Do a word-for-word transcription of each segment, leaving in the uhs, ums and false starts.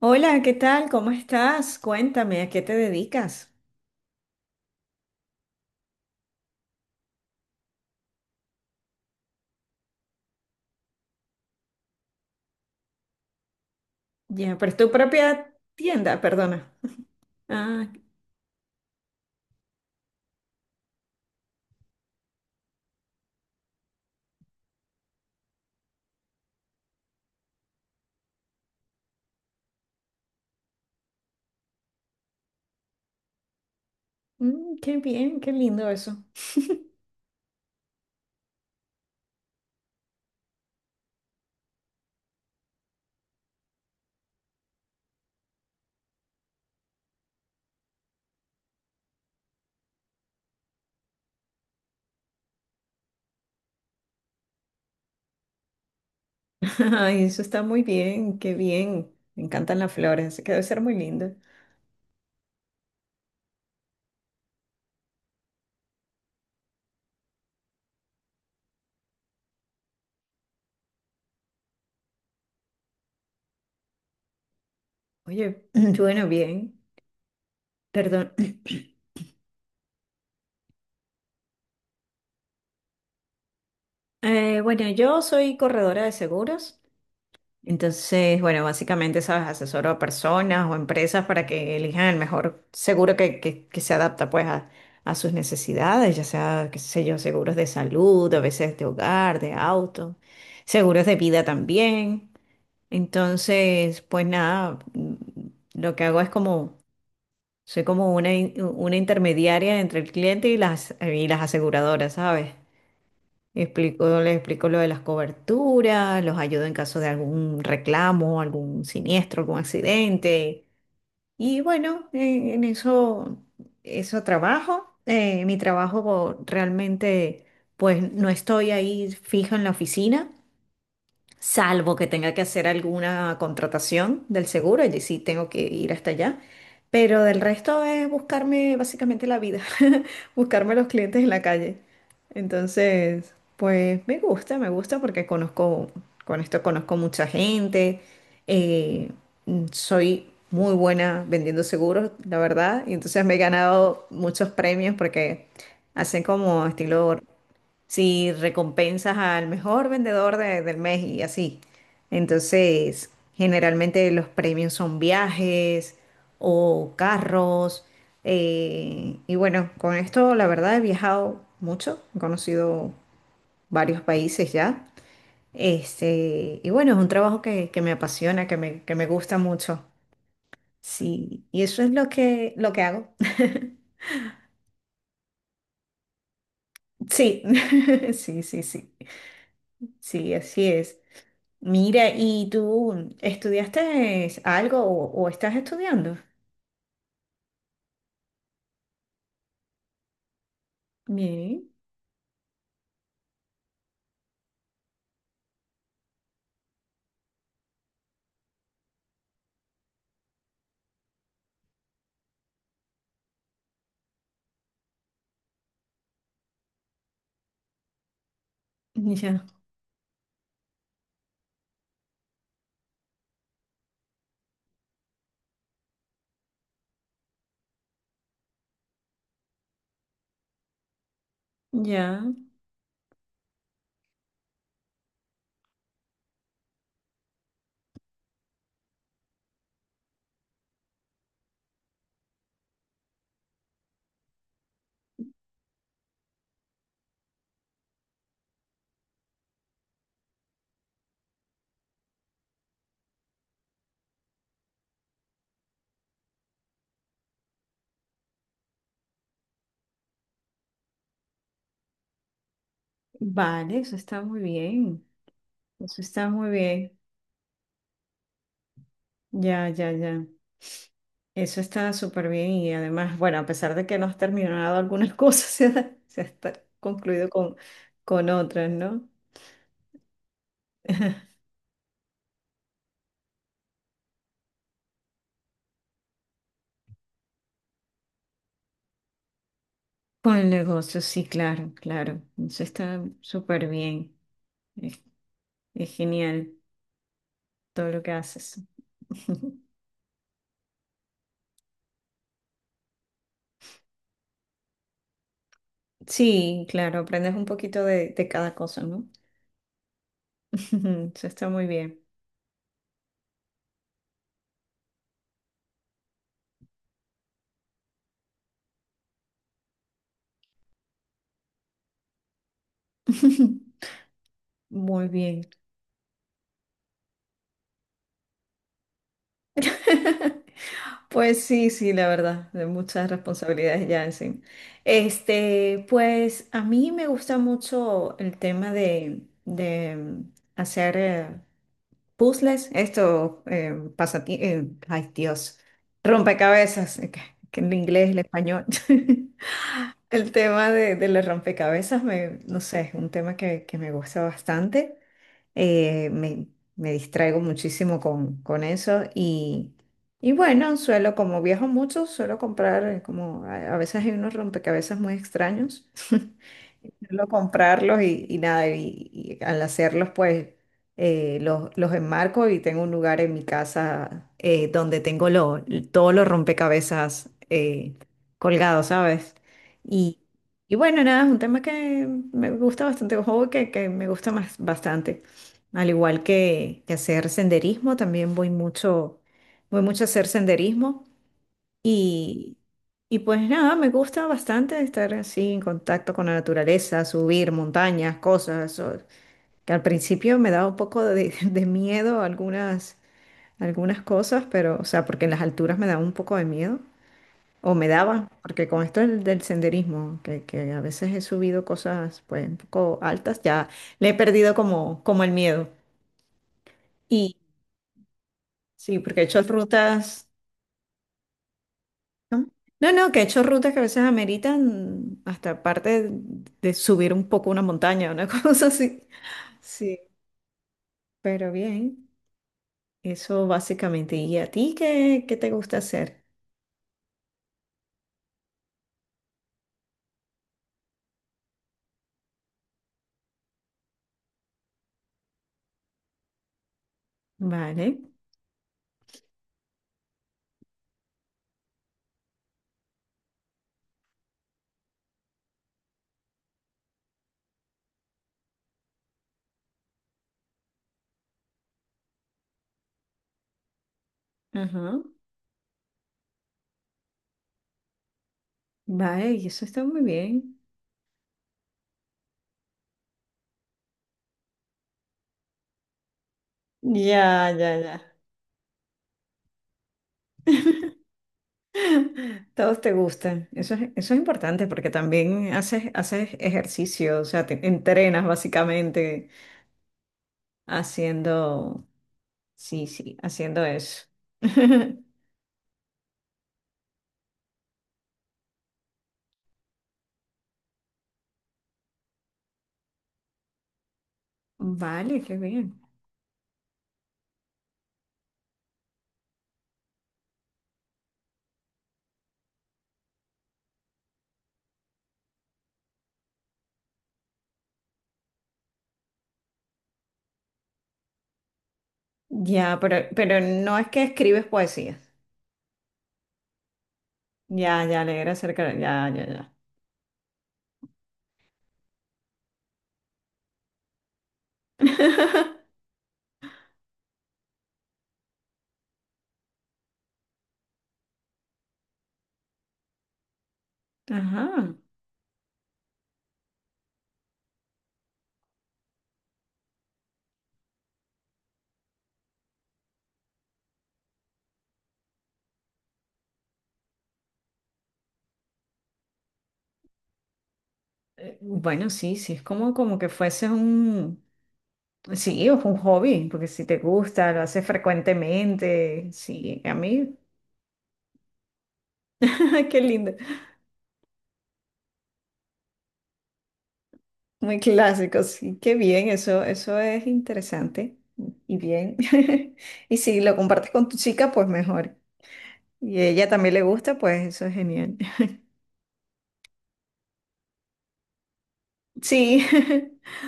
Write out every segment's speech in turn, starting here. Hola, ¿qué tal? ¿Cómo estás? Cuéntame, ¿a qué te dedicas? Ya, pero es tu propia tienda, perdona. Ah, mm, qué bien, qué lindo eso. Ay, eso está muy bien, qué bien. Me encantan las flores, así que debe ser muy lindo. Oye, bueno, bien, perdón. Eh, bueno, yo soy corredora de seguros. Entonces, bueno, básicamente, ¿sabes? Asesoro a personas o empresas para que elijan el mejor seguro que, que- que se adapta pues a, a sus necesidades, ya sea, qué sé yo, seguros de salud, a veces de hogar, de auto, seguros de vida también. Entonces, pues nada, mm, lo que hago es como, soy como una, in- una intermediaria entre el cliente y las, y las aseguradoras, ¿sabes? Explico, les explico lo de las coberturas, los ayudo en caso de algún reclamo, algún siniestro, algún accidente. Y bueno, en, en eso, eso trabajo. Eh, mi trabajo realmente, pues no estoy ahí fija en la oficina salvo que tenga que hacer alguna contratación del seguro, allí sí tengo que ir hasta allá. Pero del resto es buscarme básicamente la vida, buscarme los clientes en la calle. Entonces, pues me gusta, me gusta porque conozco, con esto conozco mucha gente, eh, mm, soy muy buena vendiendo seguros, la verdad, y entonces me he ganado muchos premios porque hacen como estilo si recompensas al mejor vendedor de- del mes y así. Entonces, generalmente los premios son viajes o carros. Eh, y bueno, con esto la verdad he viajado mucho, he conocido varios países ya. Este, y bueno, es un trabajo que, que me apasiona, que me, que me gusta mucho. Sí, y eso es lo que, lo que hago. Sí, sí, sí, sí. Sí, así es. Mira, ¿y tú estudiaste algo o, o estás estudiando? Bien, ya, ya. Vale, eso está muy bien. Eso está muy bien. Ya, ya, ya. Eso está súper bien y además, bueno, a pesar de que no has terminado algunas cosas, se ha, se está concluido con, con otras, ¿no? Con el negocio, sí, claro, claro. Eso está súper bien. es es genial todo lo que haces. Sí, claro, aprendes un poquito de, de cada cosa, ¿no? Eso está muy bien. Muy bien. Pues sí, sí, la verdad, de muchas responsabilidades ya encima. Este, pues a mí me gusta mucho el tema de, de hacer eh, puzzles, esto, eh, pasati- eh, ay Dios, rompecabezas, eh, que, que en inglés, el español. El tema de, de los rompecabezas, me, no sé, es un tema que, que me gusta bastante. Eh, me, Me distraigo muchísimo con, con eso y, y bueno, suelo, como viajo mucho, suelo comprar, eh, como a, a veces hay unos rompecabezas muy extraños, suelo comprarlos y, y nada, y, y al hacerlos pues eh, los, los enmarco y tengo un lugar en mi casa eh, donde tengo lo- todos los rompecabezas eh, colgados, ¿sabes? Y, y bueno, nada, es un tema que me gusta bastante, un juego que, que me gusta más, bastante. Al igual que, que hacer senderismo, también voy mucho, voy mucho a hacer senderismo y, y pues nada, me gusta bastante estar así en contacto con la naturaleza, subir montañas, cosas, o- que al principio me daba un poco de, de miedo algunas, algunas cosas, pero o sea, porque en las alturas me daba un poco de miedo, o me daba, porque con esto del, del senderismo, que, que a veces he subido cosas pues un poco altas, ya le he perdido como, como el miedo. Sí, porque he hecho rutas, ¿no? No, no, que he hecho rutas que a veces ameritan hasta parte de subir un poco una montaña, una cosa así. Sí, pero bien, eso básicamente. ¿Y a ti qué, qué te gusta hacer? Vale, ajá, vale, y eso está muy bien. Ya, ya, ya. Todos te gustan. Eso es, eso es importante porque también haces, haces ejercicio, o sea, te entrenas básicamente haciendo. Sí, sí, haciendo eso. Vale, qué bien. Ya, pero, pero no es que escribes poesía. Ya, ya, leer acerca de... Ya, ya, ya. Ajá. Eh, Bueno, sí, sí, es como, como que fuese un... Sí, es un hobby, porque si te gusta, lo haces frecuentemente. Sí, a mí, ay, qué lindo. Muy clásico, sí, qué bien, eso, eso es interesante y bien. Y si lo compartes con tu chica, pues mejor. Y a ella también le gusta, pues eso es genial. Sí,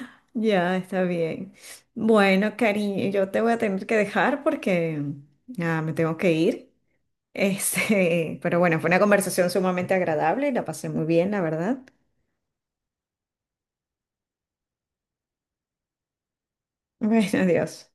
ya está bien. Bueno, cariño, yo te voy a tener que dejar porque ya me tengo que ir. Este, pero bueno, fue una conversación sumamente agradable y la pasé muy bien, la verdad. Bueno, adiós.